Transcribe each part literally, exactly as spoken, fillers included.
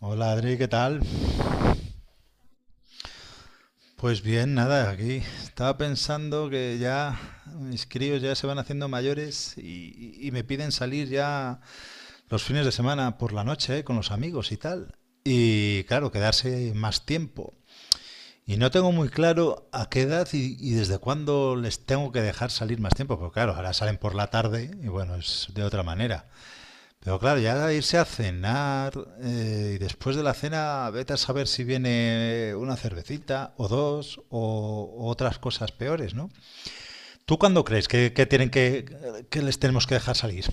Hola Adri, ¿qué tal? Pues bien, nada, aquí estaba pensando que ya mis críos ya se van haciendo mayores y, y- y me piden salir ya los fines de semana por la noche, eh, con los amigos y tal. Y claro, quedarse más tiempo. Y no tengo muy claro a qué edad y, y desde cuándo les tengo que dejar salir más tiempo, porque claro, ahora salen por la tarde y bueno, es de otra manera. Pero claro, ya irse a cenar eh, y después de la cena vete a saber si viene una cervecita o dos o, o otras cosas peores, ¿no? ¿Tú cuándo crees que, que tienen que, que les tenemos que dejar salir?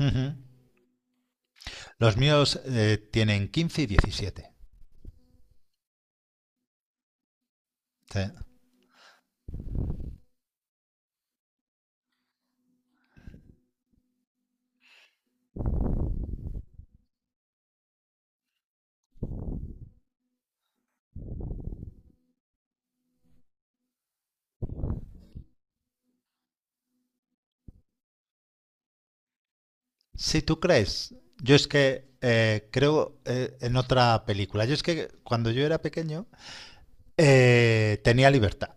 Ujú. Los míos eh, tienen quince y diecisiete. Sí. Si tú crees, yo es que eh, creo eh, en otra película. Yo es que cuando yo era pequeño eh, tenía libertad.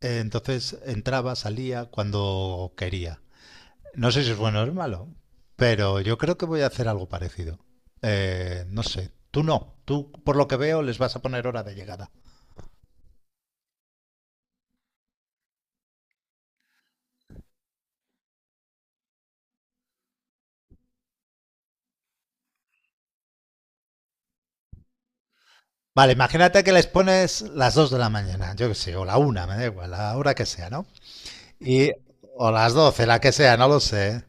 Eh, Entonces entraba, salía cuando quería. No sé si es bueno o es malo, pero yo creo que voy a hacer algo parecido. Eh, no sé, tú no, tú por lo que veo les vas a poner hora de llegada. Vale, imagínate que les pones las dos de la mañana, yo qué sé, o la una, me da igual, la hora que sea, ¿no? Y, o las doce, la que sea, no lo sé.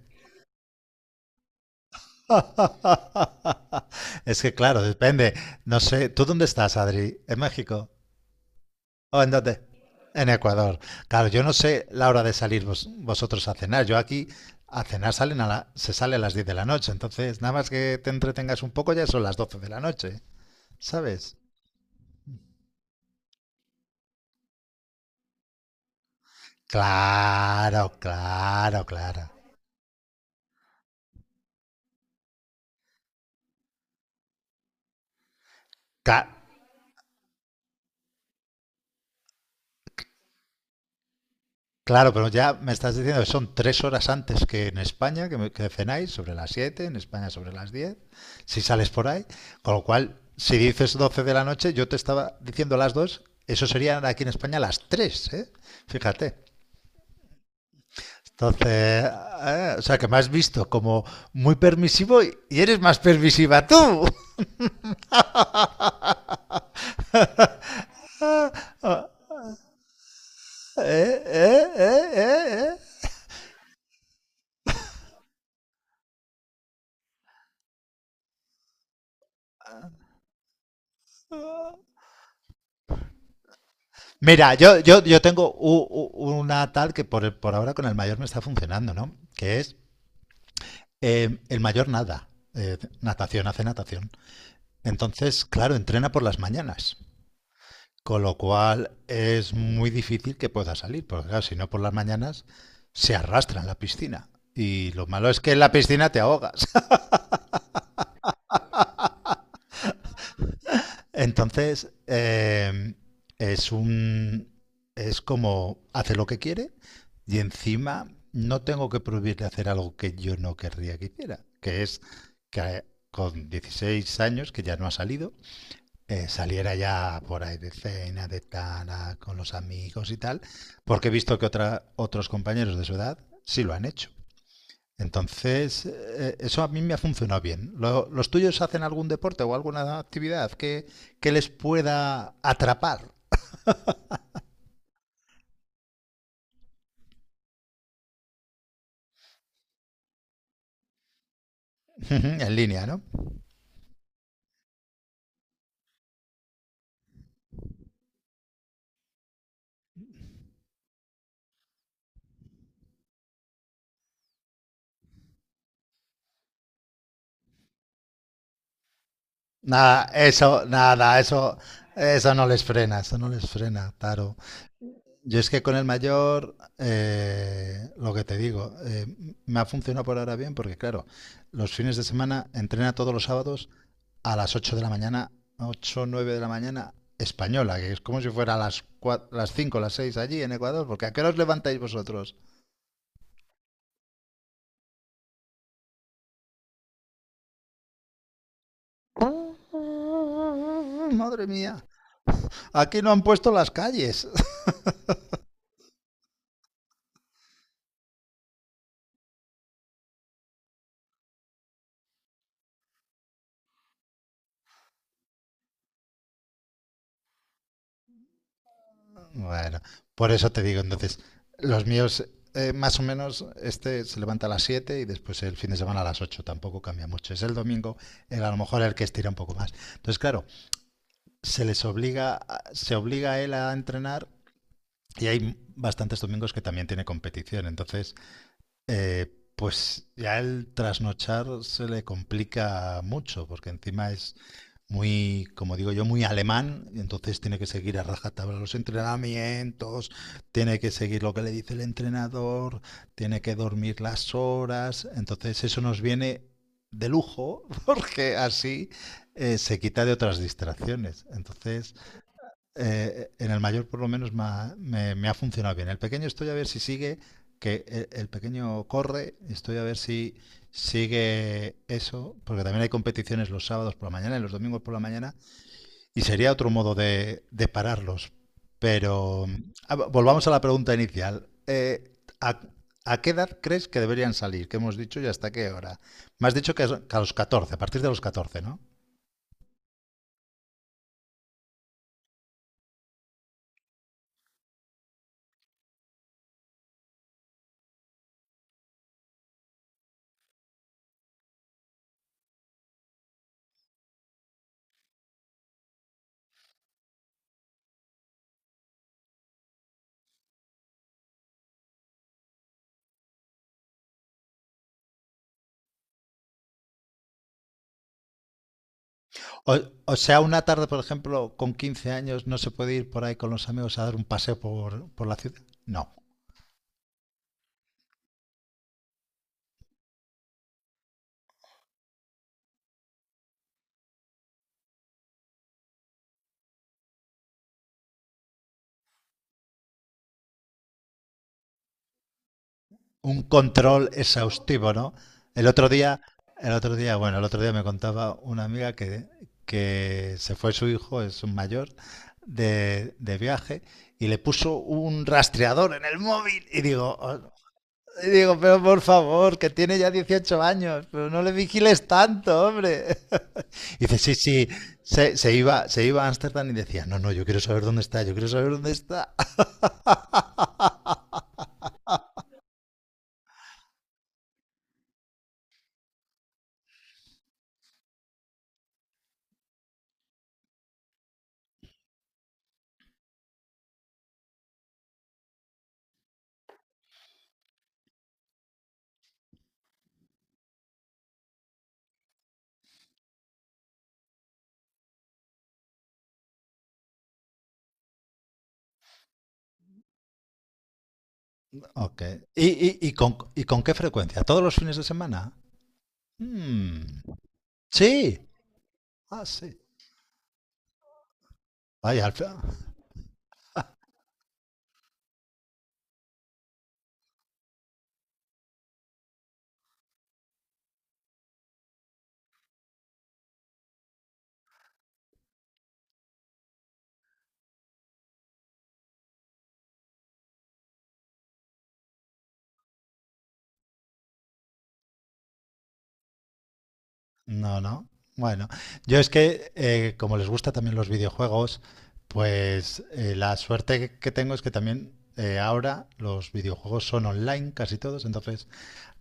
Es que claro, depende. No sé, ¿tú dónde estás, Adri? ¿En México? ¿O en dónde? En Ecuador. Claro, yo no sé la hora de salir vos- vosotros a cenar. Yo aquí a cenar salen a la, se sale a las diez de la noche. Entonces, nada más que te entretengas un poco, ya son las doce de la noche. ¿Sabes? Claro, claro, claro. Claro. Claro, pero ya me estás diciendo que son tres horas antes que en España, que, me- que cenáis, sobre las siete. En España sobre las diez. Si sales por ahí. Con lo cual, si dices doce de la noche, yo te estaba diciendo las dos. Eso serían aquí en España las tres. ¿Eh? Fíjate. Entonces, eh, o sea, que me has visto como muy permisivo y y eres más permisiva tú. ¿Eh? ¿Eh? ¿Eh? ¿Eh? ¿Eh? Mira, yo, yo, yo tengo u- u- una tal que por, el- por ahora con el mayor me está funcionando, ¿no? Que es eh, el mayor nada, eh, natación, hace natación. Entonces, claro, entrena por las mañanas, con lo cual es muy difícil que pueda salir, porque claro, si no por las mañanas se arrastra en la piscina. Y lo malo es que en la piscina te ahogas. Entonces, eh, es un. Es como hace lo que quiere y encima no tengo que prohibirle hacer algo que yo no querría que hiciera, que es que con dieciséis años, que ya no ha salido, eh, saliera ya por ahí de cena, de tana, con los amigos y tal, porque he visto que otra, otros compañeros de su edad sí lo han hecho. Entonces, eh, eso a mí me ha funcionado bien. Lo- ¿Los tuyos hacen algún deporte o alguna actividad que, que les pueda atrapar? En línea, ¿no? Nada, eso, nada, eso, eso no les frena, eso no les frena, Taro. Yo es que con el mayor, eh, lo que te digo, eh, me ha funcionado por ahora bien porque, claro, los fines de semana entrena todos los sábados a las ocho de la mañana, ocho nueve de la mañana española, que es como si fuera a las, cuatro, las cinco las seis allí en Ecuador, porque ¿a qué os levantáis vosotros? Mm, madre mía, aquí no han puesto las calles. Bueno, por eso te digo, entonces, los míos, eh, más o menos, este se levanta a las siete y después el fin de semana a las ocho tampoco cambia mucho. Es el domingo, el, a lo mejor el que estira un poco más. Entonces, claro, se les obliga, a- se obliga a él a entrenar y hay bastantes domingos que también tiene competición. Entonces, eh, pues ya el trasnochar se le complica mucho, porque encima es muy, como digo yo, muy alemán, y entonces tiene que seguir a rajatabla los entrenamientos, tiene que seguir lo que le dice el entrenador, tiene que dormir las horas, entonces eso nos viene de lujo, porque así eh, se quita de otras distracciones. Entonces, eh, en el mayor por lo menos me ha, me- me ha funcionado bien. El pequeño estoy a ver si sigue, que e- el, pequeño corre, estoy a ver si sigue eso, porque también hay competiciones los sábados por la mañana y los domingos por la mañana, y sería otro modo de, de pararlos. Pero ah, vo- volvamos a la pregunta inicial. Eh, ¿a, a qué edad crees que deberían salir? ¿Qué hemos dicho y hasta qué hora? Me has dicho que a que a los catorce, a partir de los catorce, ¿no? O, o sea, una tarde, por ejemplo, con quince años, no se puede ir por ahí con los amigos a dar un paseo por, por la ciudad. No, un control exhaustivo, ¿no? El otro día, el otro día, bueno, el otro día me contaba una amiga que, que se fue su hijo, es un mayor, de, de viaje y le puso un rastreador en el móvil. Y digo, "Oh, no". Y digo, pero por favor, que tiene ya dieciocho años, pero no le vigiles tanto, hombre. Y dice, sí, sí, se, se iba, se iba a Ámsterdam y decía, no, no, yo quiero saber dónde está, yo quiero saber dónde está. Ok. ¿Y, y, y con, y con qué frecuencia? ¿Todos los fines de semana? Mm, sí. Ah, sí. Vaya, al fin- no, no. Bueno, yo es que eh, como les gusta también los videojuegos, pues eh, la suerte que tengo es que también eh, ahora los videojuegos son online casi todos, entonces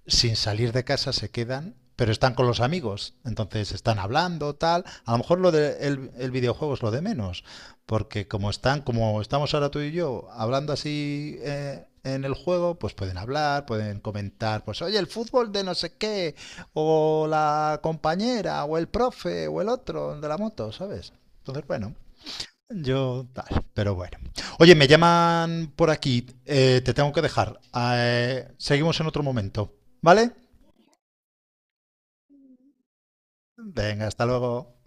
sin salir de casa se quedan, pero están con los amigos. Entonces están hablando, tal. A lo mejor lo del el, el videojuego es lo de menos, porque como están, como estamos ahora tú y yo, hablando así eh, en el juego, pues pueden hablar, pueden comentar, pues oye, el fútbol de no sé qué, o la compañera, o el profe, o el otro de la moto, ¿sabes? Entonces, bueno. Yo tal, pero bueno. Oye, me llaman por aquí. Eh, te tengo que dejar. Ah, Eh, seguimos en otro momento. ¿Vale? Venga, hasta luego.